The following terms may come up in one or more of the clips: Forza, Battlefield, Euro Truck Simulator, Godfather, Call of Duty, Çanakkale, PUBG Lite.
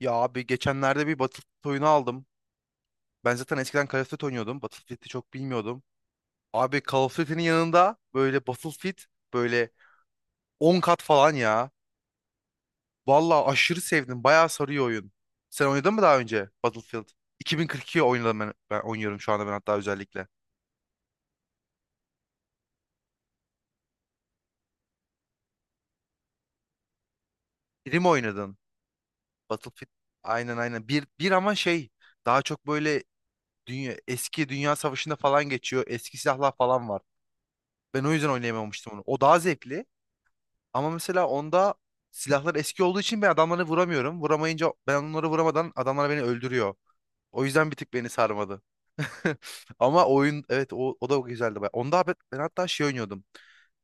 Ya abi geçenlerde bir Battlefield oyunu aldım. Ben zaten eskiden Call of Duty oynuyordum. Battlefield'i çok bilmiyordum. Abi Call of Duty'nin yanında böyle Battlefield böyle 10 kat falan ya. Vallahi aşırı sevdim. Bayağı sarıyor oyun. Sen oynadın mı daha önce Battlefield? 2042 oynadım ben, ben oynuyorum şu anda ben hatta özellikle. Biri mi oynadın? Battlefield. Aynen, aynen. Bir ama şey daha çok böyle dünya, eski Dünya Savaşı'nda falan geçiyor. Eski silahlar falan var. Ben o yüzden oynayamamıştım onu. O daha zevkli. Ama mesela onda silahlar eski olduğu için ben adamları vuramıyorum. Vuramayınca ben onları vuramadan adamlar beni öldürüyor. O yüzden bir tık beni sarmadı. Ama oyun evet o da güzeldi. Baya. Onda ben hatta şey oynuyordum.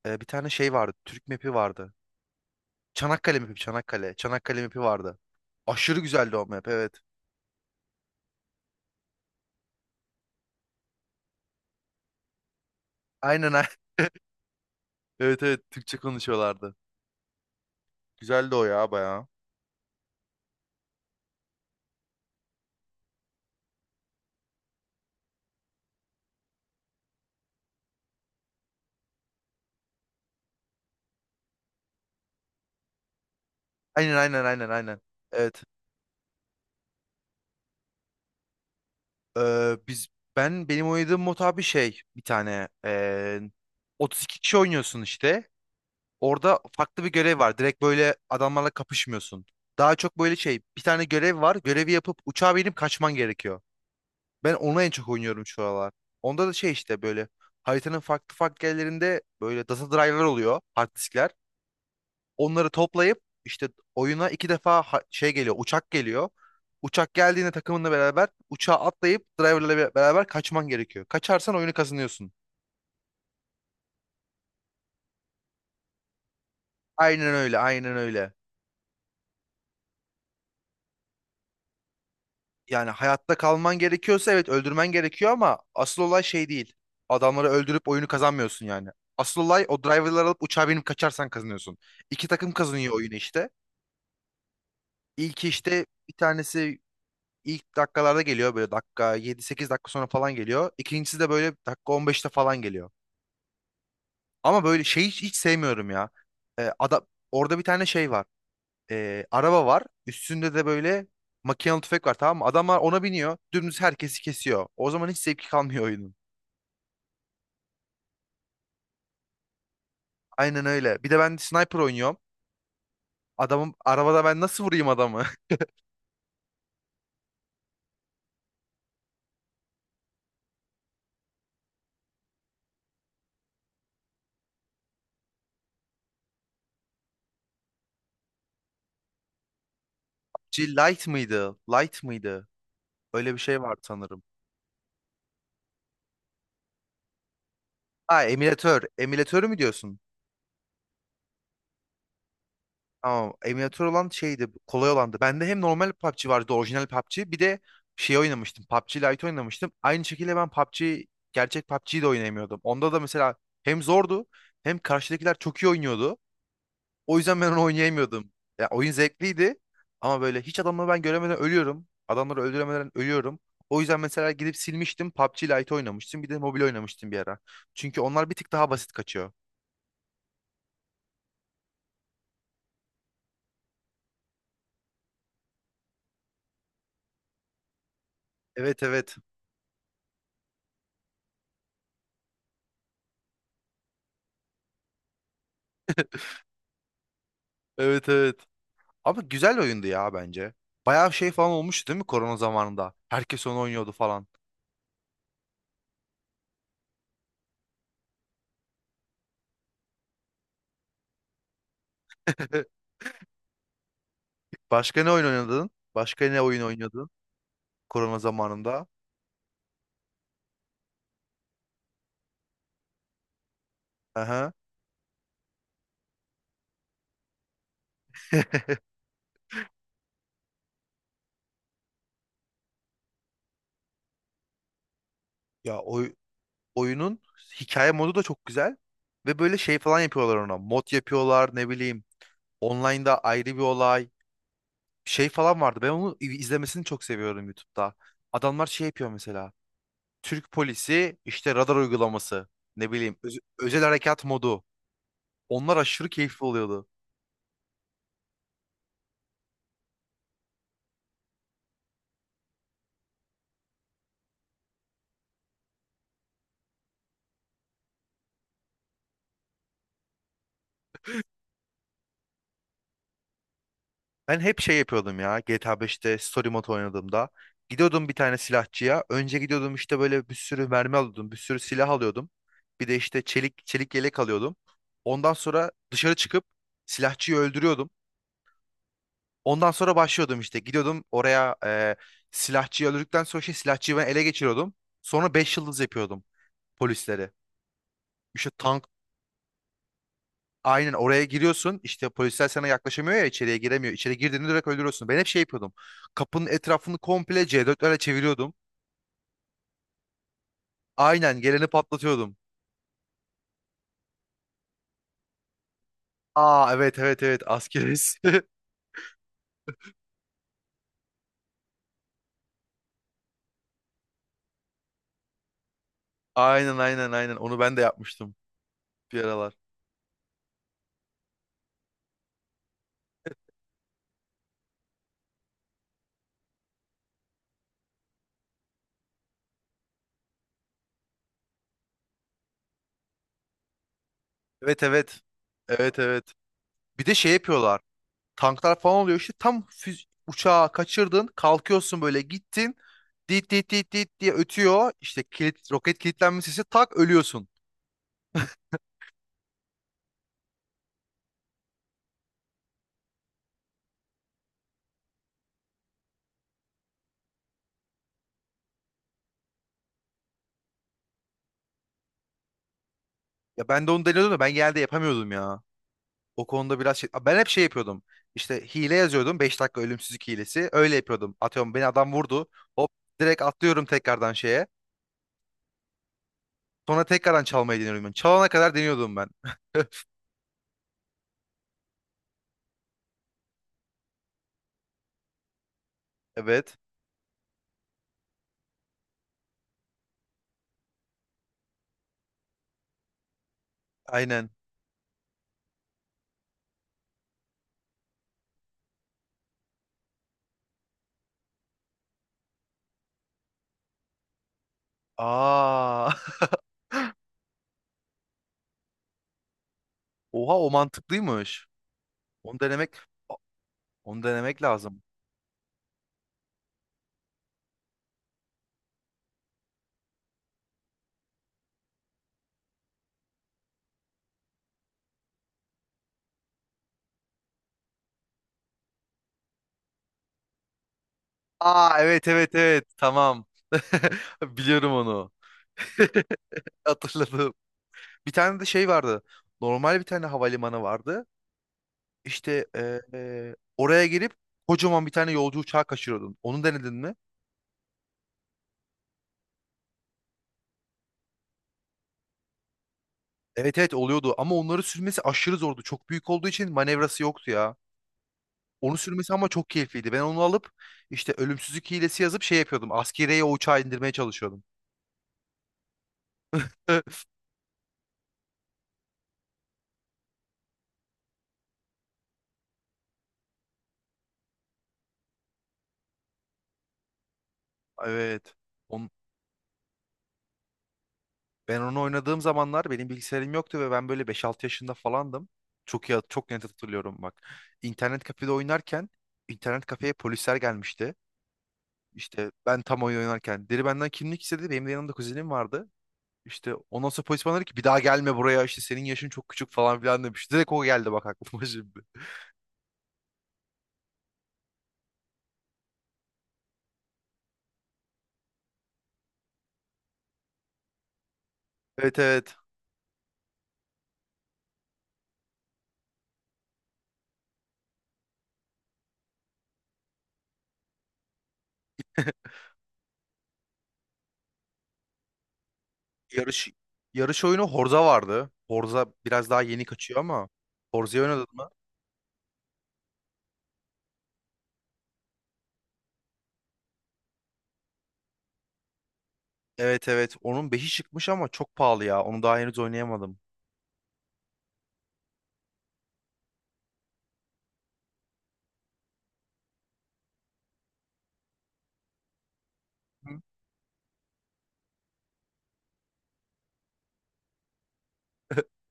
Bir tane şey vardı. Türk map'i vardı. Çanakkale map'i, Çanakkale. Çanakkale map'i vardı. Aşırı güzeldi o map, evet. Aynen, aynen. Evet, evet, Türkçe konuşuyorlardı. Güzeldi o ya, bayağı. Aynen, aynen, aynen, aynen. Evet. Biz Ben benim oynadığım mod abi şey bir tane 32 kişi oynuyorsun işte. Orada farklı bir görev var. Direkt böyle adamlarla kapışmıyorsun. Daha çok böyle şey bir tane görev var. Görevi yapıp uçağa binip kaçman gerekiyor. Ben onu en çok oynuyorum şu aralar. Onda da şey işte böyle haritanın farklı farklı yerlerinde böyle data driver oluyor, hard diskler. Onları toplayıp işte oyuna iki defa şey geliyor, uçak geliyor. Uçak geldiğinde takımınla beraber uçağa atlayıp driverla beraber kaçman gerekiyor. Kaçarsan oyunu kazanıyorsun. Aynen öyle, aynen öyle. Yani hayatta kalman gerekiyorsa evet öldürmen gerekiyor ama asıl olay şey değil. Adamları öldürüp oyunu kazanmıyorsun yani. Asıl olay o driverları alıp uçağa binip kaçarsan kazanıyorsun. İki takım kazanıyor oyunu işte. İlki işte bir tanesi İlk dakikalarda geliyor, böyle dakika 7-8 dakika sonra falan geliyor. İkincisi de böyle dakika 15'te falan geliyor. Ama böyle şey hiç sevmiyorum ya. Ee, ada- Orada bir tane şey var. Araba var. Üstünde de böyle makinalı tüfek var, tamam mı? Adamlar ona biniyor. Dümdüz herkesi kesiyor. O zaman hiç zevki kalmıyor oyunun. Aynen öyle. Bir de ben sniper oynuyorum. Adamım arabada, ben nasıl vurayım adamı? G Light mıydı? Light mıydı? Öyle bir şey var sanırım. Ha, emülatör. Emülatörü mü diyorsun? Ama emülatör olan şeydi, kolay olandı. Bende hem normal PUBG vardı, orijinal PUBG. Bir de şey oynamıştım, PUBG Lite oynamıştım. Aynı şekilde ben PUBG, gerçek PUBG'yi de oynayamıyordum. Onda da mesela hem zordu, hem karşıdakiler çok iyi oynuyordu. O yüzden ben onu oynayamıyordum. Ya oyun zevkliydi ama böyle hiç adamları ben göremeden ölüyorum. Adamları öldüremeden ölüyorum. O yüzden mesela gidip silmiştim, PUBG Lite oynamıştım. Bir de mobil oynamıştım bir ara. Çünkü onlar bir tık daha basit kaçıyor. Evet, evet. Evet, evet. Ama güzel oyundu ya, bence. Bayağı şey falan olmuştu değil mi korona zamanında? Herkes onu oynuyordu falan. Başka ne oyun oynadın? Başka ne oyun oynadın korona zamanında? Aha. Ya oyunun hikaye modu da çok güzel. Ve böyle şey falan yapıyorlar ona. Mod yapıyorlar, ne bileyim. Online'da ayrı bir olay. Şey falan vardı. Ben onu izlemesini çok seviyorum YouTube'da. Adamlar şey yapıyor mesela. Türk polisi işte radar uygulaması. Ne bileyim özel harekat modu. Onlar aşırı keyifli oluyordu. Ben hep şey yapıyordum ya GTA 5'te story mode oynadığımda. Gidiyordum bir tane silahçıya. Önce gidiyordum işte böyle bir sürü mermi alıyordum. Bir sürü silah alıyordum. Bir de işte çelik yelek alıyordum. Ondan sonra dışarı çıkıp silahçıyı öldürüyordum. Ondan sonra başlıyordum işte. Gidiyordum oraya silahçıyı öldürdükten sonra şey silahçıyı ben ele geçiriyordum. Sonra 5 yıldız yapıyordum polisleri. İşte tank. Aynen, oraya giriyorsun işte, polisler sana yaklaşamıyor ya, içeriye giremiyor. İçeri girdiğinde direkt öldürüyorsun. Ben hep şey yapıyordum. Kapının etrafını komple C4'lerle çeviriyordum. Aynen, geleni patlatıyordum. Aa, evet, evet, evet, askeriz. Aynen, aynen, aynen, onu ben de yapmıştım bir aralar. Evet, evet. Evet, evet. Bir de şey yapıyorlar. Tanklar falan oluyor, işte tam füz uçağı kaçırdın, kalkıyorsun böyle, gittin. Dit dit dit dit diye ötüyor. İşte kilit, roket kilitlenme sesi, tak ölüyorsun. Ya ben de onu deniyordum da ben geldi yapamıyordum ya. O konuda biraz şey... Ben hep şey yapıyordum. İşte hile yazıyordum. 5 dakika ölümsüzlük hilesi. Öyle yapıyordum. Atıyorum, beni adam vurdu. Hop, direkt atlıyorum tekrardan şeye. Sonra tekrardan çalmayı deniyorum ben. Çalana kadar deniyordum ben. Evet. Aynen. Aa. Oha, o mantıklıymış. Onu denemek A- onu denemek lazım. Aa, evet, evet, evet. Tamam. Biliyorum onu. Hatırladım. Bir tane de şey vardı. Normal bir tane havalimanı vardı. İşte oraya gelip kocaman bir tane yolcu uçağı kaçırıyordun. Onu denedin mi? Evet, evet, oluyordu ama onları sürmesi aşırı zordu. Çok büyük olduğu için manevrası yoktu ya. Onu sürmesi ama çok keyifliydi. Ben onu alıp işte ölümsüzlük hilesi yazıp şey yapıyordum. Askeriye o uçağı indirmeye çalışıyordum. Evet. On, Ben onu oynadığım zamanlar benim bilgisayarım yoktu ve ben böyle 5-6 yaşında falandım. Çok iyi, çok net hatırlıyorum bak. İnternet kafede oynarken internet kafeye polisler gelmişti. İşte ben tam oyun oynarken deri benden kimlik istedi. Benim de yanımda kuzenim vardı. İşte ondan sonra polis bana dedi ki bir daha gelme buraya, işte senin yaşın çok küçük falan filan demiş. Direkt o geldi bak aklıma şimdi. Evet, evet. Yarış yarış oyunu Horza vardı. Horza biraz daha yeni kaçıyor ama Horza'yı oynadın mı? Evet, evet. Onun beşi çıkmış ama çok pahalı ya. Onu daha henüz oynayamadım. Hı.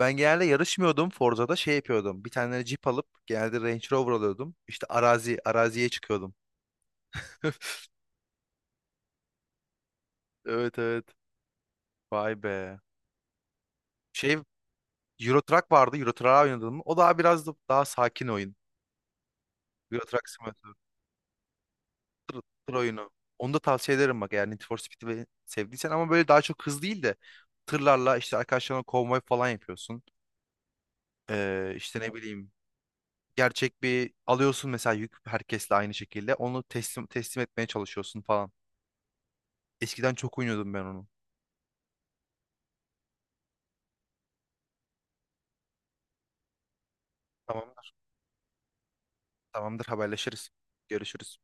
Ben genelde yarışmıyordum Forza'da, şey yapıyordum. Bir tane Jeep alıp genelde Range Rover alıyordum. İşte arazi araziye çıkıyordum. Evet, evet. Vay be. Şey Euro Truck vardı. Euro Truck'a oynadım, o daha biraz da daha sakin oyun. Euro Truck Simulator. Tır oyunu. Onu da tavsiye ederim bak, eğer Need for Speed'i sevdiysen ama böyle daha çok hız değil de tırlarla işte arkadaşlarına konvoy falan yapıyorsun. İşte ne bileyim gerçek bir alıyorsun mesela yük, herkesle aynı şekilde onu teslim etmeye çalışıyorsun falan. Eskiden çok oynuyordum ben onu. Tamam, tamamdır, haberleşiriz. Görüşürüz.